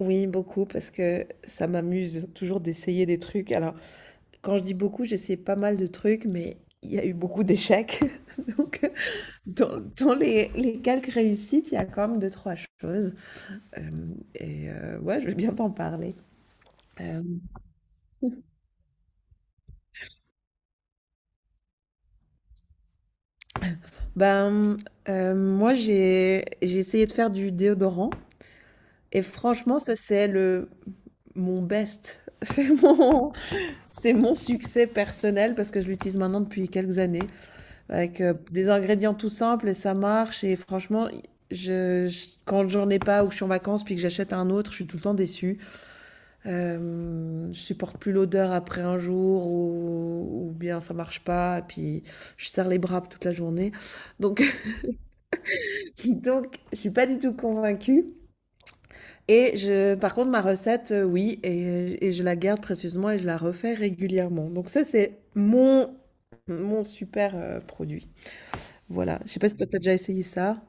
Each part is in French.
Oui, beaucoup, parce que ça m'amuse toujours d'essayer des trucs. Alors, quand je dis beaucoup, j'essaie pas mal de trucs, mais il y a eu beaucoup d'échecs. Donc, dans les quelques réussites, il y a quand même deux, trois choses. Euh, et ouais, je vais bien t'en parler. Euh, ben, moi, j'ai essayé de faire du déodorant. Et franchement, ça, c'est mon best. C'est mon succès personnel parce que je l'utilise maintenant depuis quelques années, avec des ingrédients tout simples et ça marche. Et franchement, quand j'en ai pas ou que je suis en vacances puis que j'achète un autre, je suis tout le temps déçue. Je supporte plus l'odeur après un jour, ou bien ça marche pas. Puis je serre les bras toute la journée. Donc, donc je suis pas du tout convaincue. Par contre, ma recette, oui, et je la garde précieusement et je la refais régulièrement. Donc ça, c'est mon super produit. Voilà. Je sais pas si toi, t'as déjà essayé ça.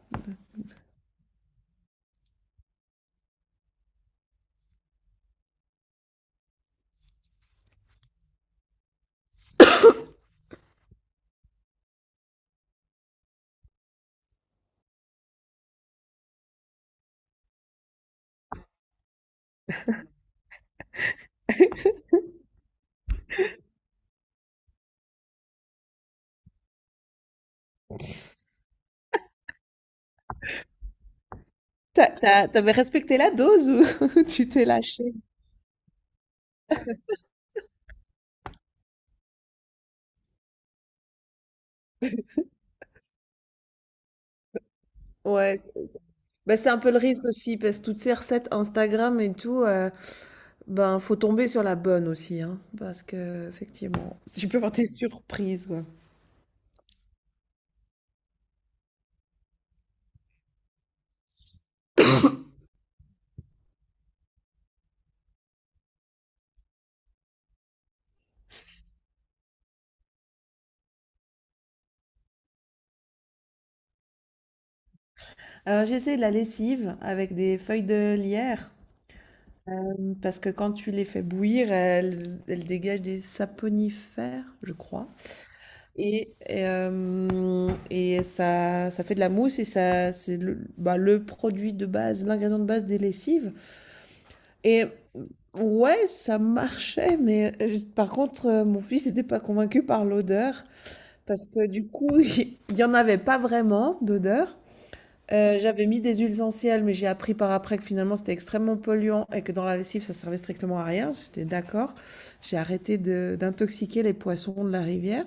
T'avais respecté la dose ou tu t'es lâché? Ouais, bah, c'est un peu le risque aussi, parce que toutes ces recettes Instagram et tout, ben faut tomber sur la bonne aussi, hein, parce que effectivement. Tu peux avoir des surprises, quoi. Alors, j'ai essayé de la lessive avec des feuilles de lierre, parce que quand tu les fais bouillir, elles dégagent des saponifères, je crois. Et ça fait de la mousse et ça, c'est bah, le produit de base, l'ingrédient de base des lessives. Et ouais, ça marchait, mais par contre, mon fils n'était pas convaincu par l'odeur, parce que du coup, il n'y en avait pas vraiment d'odeur. J'avais mis des huiles essentielles, mais j'ai appris par après que finalement c'était extrêmement polluant et que dans la lessive ça servait strictement à rien. J'étais d'accord. D'intoxiquer les poissons de la rivière.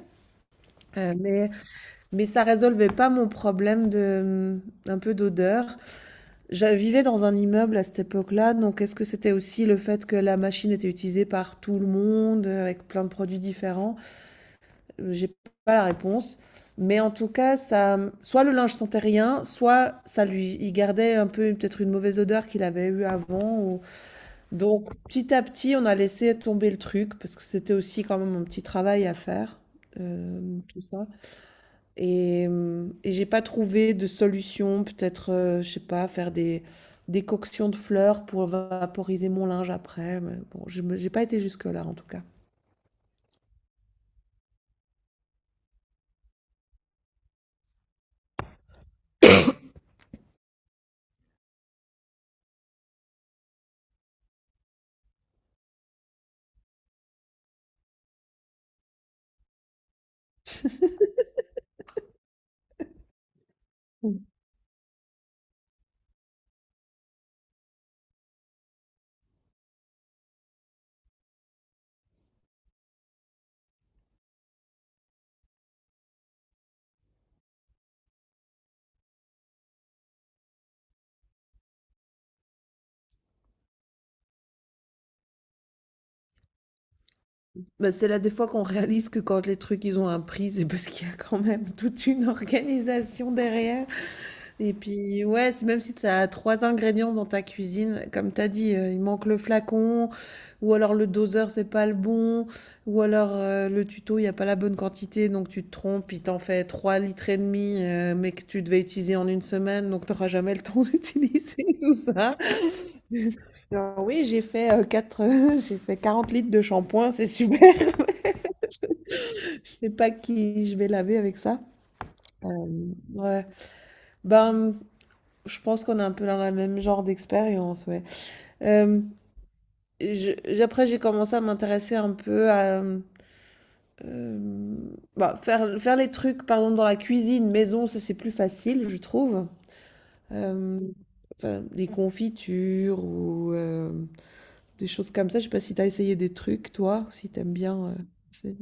Euh, mais, mais ça résolvait pas mon problème de, un peu d'odeur. Je vivais dans un immeuble à cette époque-là, donc est-ce que c'était aussi le fait que la machine était utilisée par tout le monde, avec plein de produits différents? J'ai pas la réponse. Mais en tout cas, ça, soit le linge sentait rien, soit ça lui, il gardait un peu peut-être une mauvaise odeur qu'il avait eue avant, donc petit à petit, on a laissé tomber le truc parce que c'était aussi quand même un petit travail à faire, tout ça. Et j'ai pas trouvé de solution, peut-être, je sais pas, faire des coctions de fleurs pour vaporiser mon linge après, mais bon, je me j'ai pas été jusque-là, en tout cas. Bah, c'est là, des fois, qu'on réalise que quand les trucs, ils ont un prix, c'est parce qu'il y a quand même toute une organisation derrière. Et puis, ouais, c'est même si tu as 3 ingrédients dans ta cuisine, comme tu as dit, il manque le flacon ou alors le doseur, c'est pas le bon ou alors, le tuto, il y a pas la bonne quantité, donc tu te trompes, il t'en fait 3 litres, et mais que tu devais utiliser en 1 semaine, donc tu auras jamais le temps d'utiliser tout ça. Genre: «Oui, j'ai fait, 4, j'ai fait 40 litres de shampoing, c'est super. Je sais pas qui je vais laver avec ça». Hem, ouais. Ben, je pense qu'on est un peu dans le même genre d'expérience, ouais. Euh, je- après, j'ai commencé à m'intéresser un peu à euh, bah, faire les trucs, par exemple, dans la cuisine, maison, ça c'est plus facile, je trouve. Euh, enfin, des confitures ou des choses comme ça. Je sais pas si t'as essayé des trucs, toi, si t'aimes bien, c'est-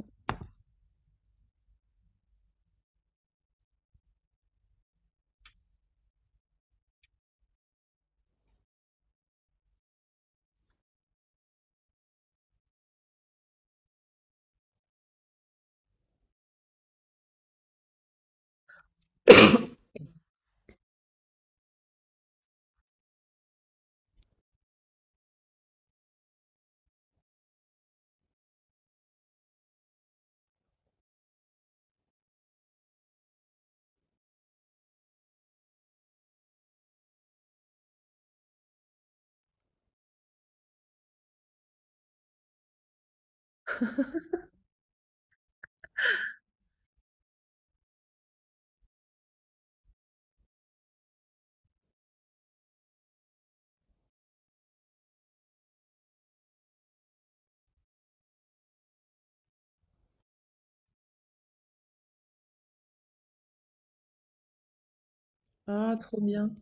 ah, trop bien.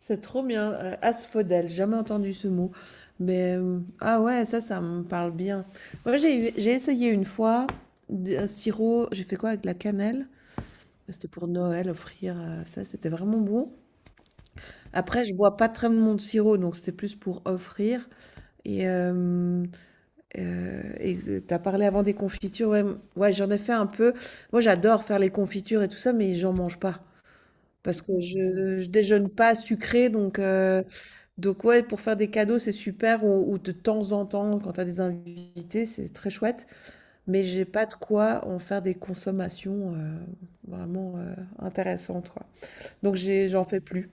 C'est trop bien. Asphodèle, j'ai jamais entendu ce mot. Mais ah ouais, ça me parle bien. Moi, j'ai essayé une fois un sirop, j'ai fait quoi avec de la cannelle? C'était pour Noël, offrir, ça, c'était vraiment bon. Après, je bois pas très mon de sirop, donc c'était plus pour offrir et hem, et tu as parlé avant des confitures, ouais, mmh, ouais, j'en ai fait un peu. Moi, j'adore faire les confitures et tout ça, mais j'en mange pas parce que je déjeune pas sucré, donc ouais, pour faire des cadeaux, c'est super ou de temps en temps, quand t'as des invités, c'est très chouette, mais j'ai pas de quoi en faire des consommations, vraiment, intéressantes, quoi. Donc j'en fais plus.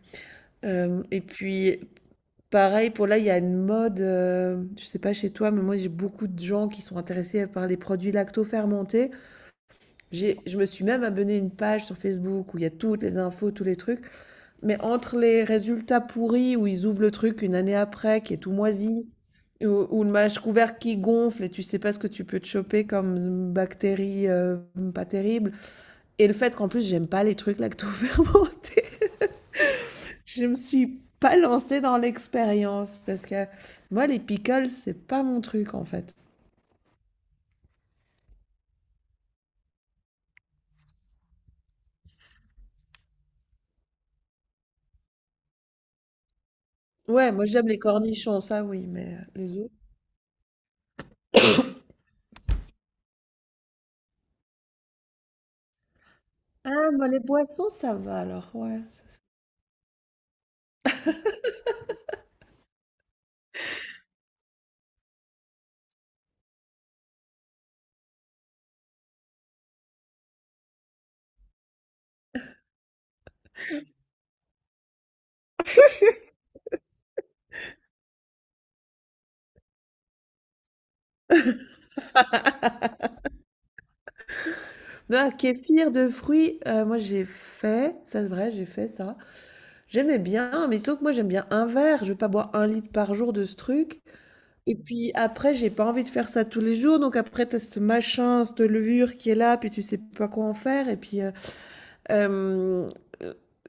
Et puis pareil, pour là, il y a une mode, je sais pas chez toi, mais moi j'ai beaucoup de gens qui sont intéressés par les produits lacto-fermentés. Je me suis même abonné à une page sur Facebook où il y a toutes les infos, tous les trucs. Mais entre les résultats pourris où ils ouvrent le truc 1 année après, qui est tout moisi, ou le mâche couvert qui gonfle et tu sais pas ce que tu peux te choper comme bactéries pas terribles. Et le fait qu'en plus j'aime pas les trucs lacto-fermentés. Je me suis pas lancée dans l'expérience parce que moi, les pickles, c'est pas mon truc en fait. Ouais, moi j'aime les cornichons, ça oui, mais les autres. Ah, moi les boissons, ça va alors, ouais, non, kéfir de fruits, moi j'ai fait, ça c'est vrai, j'ai fait ça. J'aimais bien, mais sauf que moi j'aime bien un verre, je vais pas boire 1 litre par jour de ce truc. Et puis après, j'ai pas envie de faire ça tous les jours, donc après t'as ce machin, cette levure qui est là, puis tu sais pas quoi en faire, et puis Hem,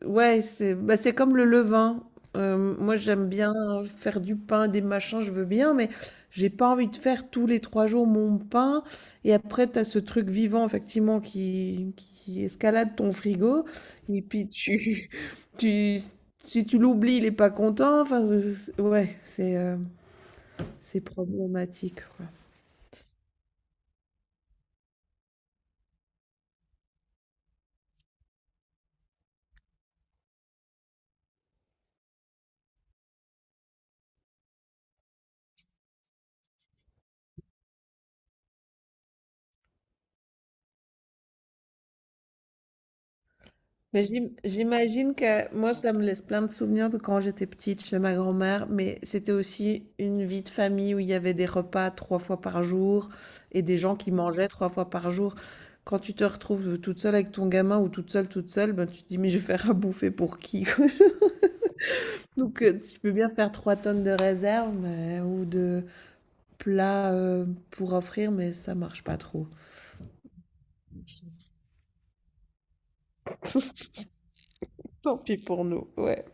ouais, c'est bah, c'est comme le levain. Moi, j'aime bien faire du pain, des machins, je veux bien, mais j'ai pas envie de faire tous les 3 jours mon pain et après tu as ce truc vivant effectivement qui escalade ton frigo et puis tu tu si tu l'oublies, il est pas content, enfin, c'est ouais, c'est problématique, quoi. Mais j'imagine que moi, ça me laisse plein de souvenirs de quand j'étais petite chez ma grand-mère, mais c'était aussi une vie de famille où il y avait des repas 3 fois par jour et des gens qui mangeaient 3 fois par jour. Quand tu te retrouves toute seule avec ton gamin ou toute seule, ben, tu te dis, mais je vais faire à bouffer pour qui, quoi? Donc, si tu peux bien faire 3 tonnes de réserves ou de plats pour offrir, mais ça marche pas trop. Tant pis pour nous, ouais.